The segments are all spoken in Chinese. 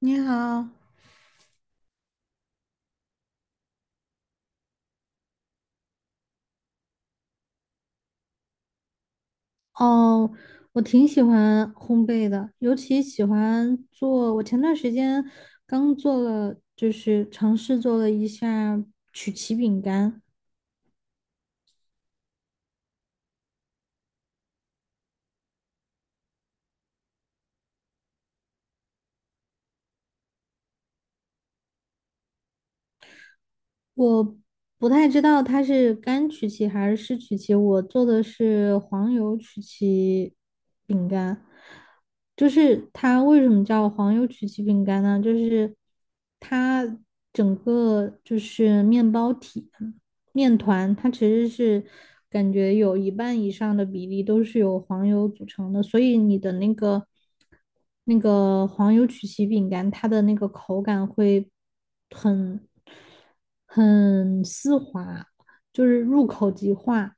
你好。哦，我挺喜欢烘焙的，尤其喜欢做。我前段时间刚做了，尝试做了一下曲奇饼干。我不太知道它是干曲奇还是湿曲奇，我做的是黄油曲奇饼干。它为什么叫黄油曲奇饼干呢？它整个就是面包体。面团它其实是感觉有一半以上的比例都是由黄油组成的，所以你的那个黄油曲奇饼干，它的那个口感会很很丝滑，就是入口即化。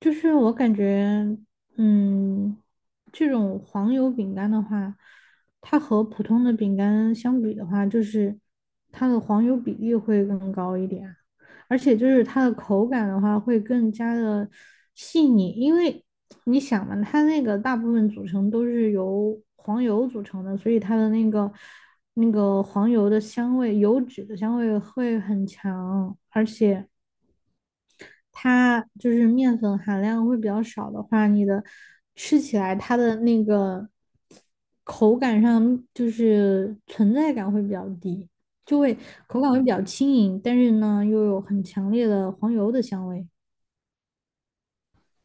就是我感觉，嗯，这种黄油饼干的话，它和普通的饼干相比的话，就是它的黄油比例会更高一点，而且就是它的口感的话会更加的细腻，因为你想嘛，它那个大部分组成都是由黄油组成的，所以它的那个黄油的香味、油脂的香味会很强，而且。它就是面粉含量会比较少的话，你的吃起来它的那个口感上就是存在感会比较低，就会口感会比较轻盈，但是呢又有很强烈的黄油的香味。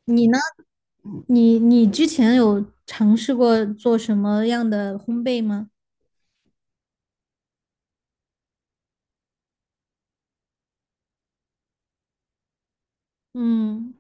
你呢？你之前有尝试过做什么样的烘焙吗？嗯。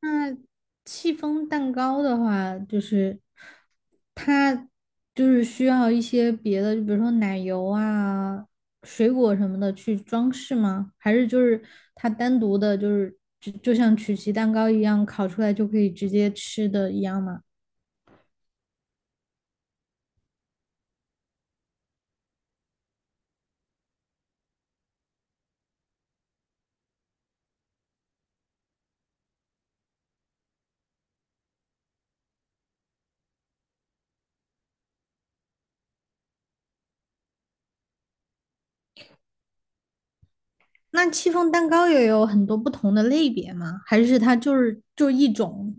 那戚风蛋糕的话，就是它就是需要一些别的，就比如说奶油啊、水果什么的去装饰吗？还是就是它单独的，就像曲奇蛋糕一样烤出来就可以直接吃的一样吗？那戚风蛋糕也有很多不同的类别吗？还是它就是就一种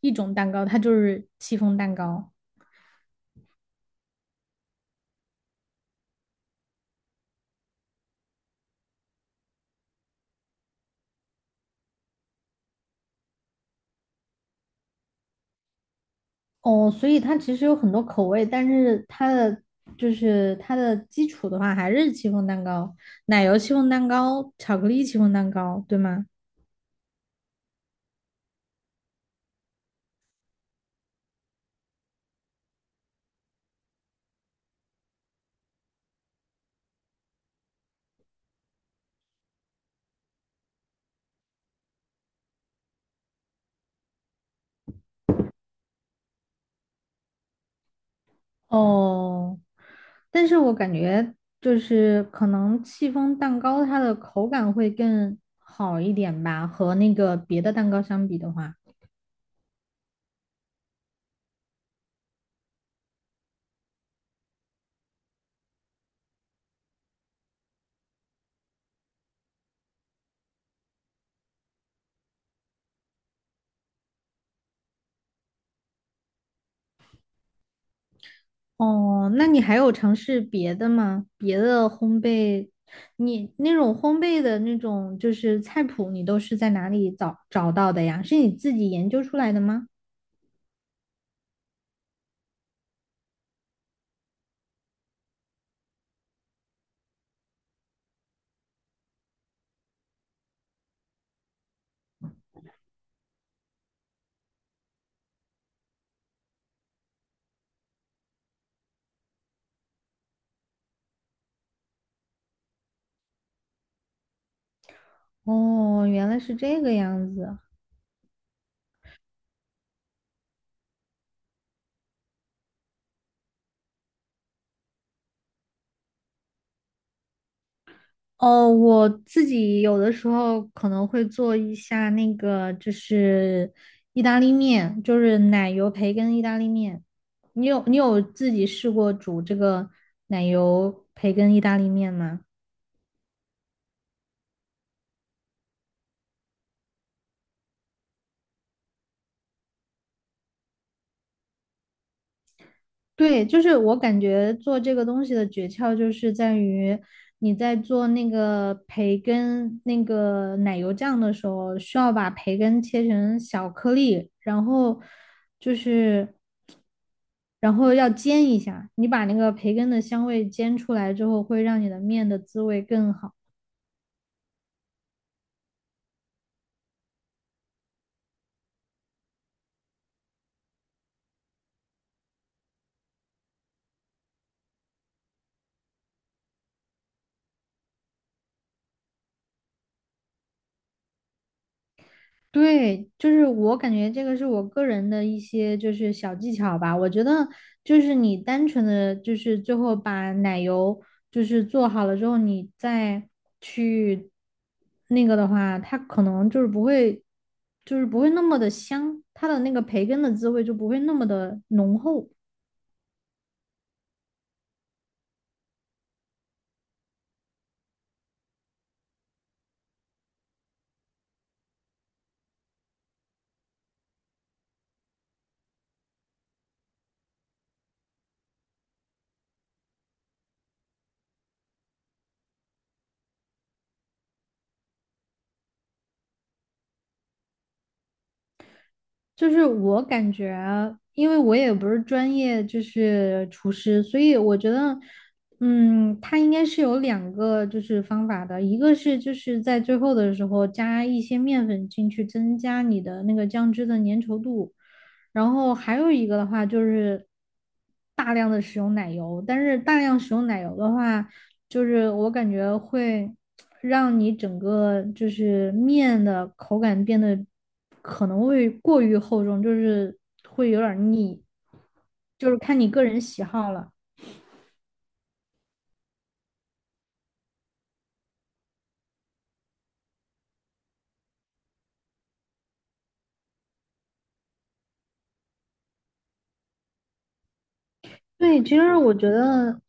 蛋糕，它就是戚风蛋糕？哦，所以它其实有很多口味，但是它的就是它的基础的话，还是戚风蛋糕、奶油戚风蛋糕、巧克力戚风蛋糕，对吗？哦，但是我感觉就是可能戚风蛋糕它的口感会更好一点吧，和那个别的蛋糕相比的话。哦，那你还有尝试别的吗？别的烘焙，你那种烘焙的那种就是菜谱，你都是在哪里找到的呀？是你自己研究出来的吗？哦，原来是这个样子。哦，我自己有的时候可能会做一下那个，就是意大利面，就是奶油培根意大利面。你有自己试过煮这个奶油培根意大利面吗？对，就是我感觉做这个东西的诀窍就是在于你在做那个培根那个奶油酱的时候，需要把培根切成小颗粒，然后就是然后要煎一下，你把那个培根的香味煎出来之后，会让你的面的滋味更好。对，就是我感觉这个是我个人的一些就是小技巧吧。我觉得就是你单纯的就是最后把奶油就是做好了之后，你再去那个的话，它可能就是不会，就是不会那么的香，它的那个培根的滋味就不会那么的浓厚。就是我感觉啊，因为我也不是专业，就是厨师，所以我觉得，嗯，它应该是有两个就是方法的，一个是就是在最后的时候加一些面粉进去，增加你的那个酱汁的粘稠度，然后还有一个的话就是大量的使用奶油，但是大量使用奶油的话。就是我感觉会让你整个就是面的口感变得可能会过于厚重，就是会有点儿腻，就是看你个人喜好了。对，其实我觉得，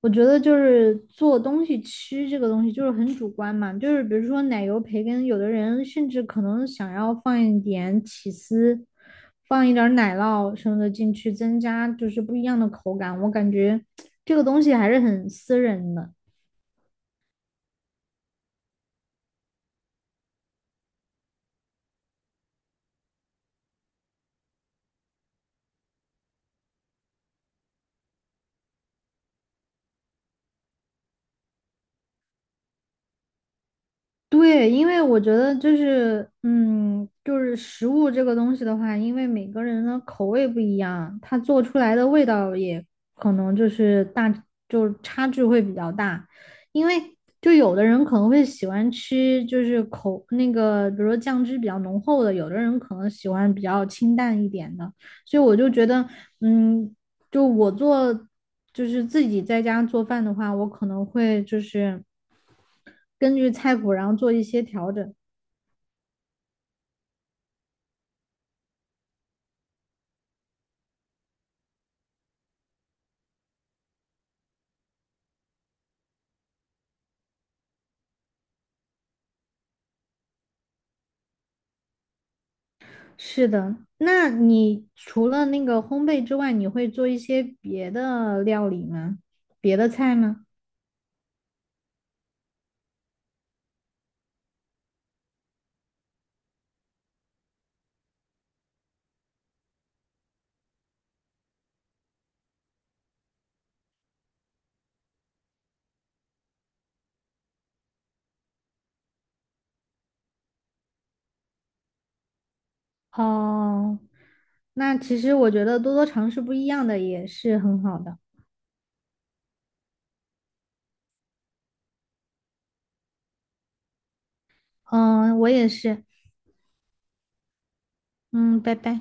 就是做东西吃这个东西就是很主观嘛，就是比如说奶油培根，有的人甚至可能想要放一点起司，放一点儿奶酪什么的进去，增加就是不一样的口感。我感觉这个东西还是很私人的。对，因为我觉得就是，嗯，就是食物这个东西的话，因为每个人的口味不一样，它做出来的味道也可能就是大，就是差距会比较大。因为就有的人可能会喜欢吃，就是口那个，比如说酱汁比较浓厚的，有的人可能喜欢比较清淡一点的。所以我就觉得，嗯，就我做，就是自己在家做饭的话，我可能会就是。根据菜谱然后做一些调整。是的，那你除了那个烘焙之外，你会做一些别的料理吗？别的菜吗？哦，那其实我觉得多多尝试不一样的也是很好的。嗯，我也是。嗯，拜拜。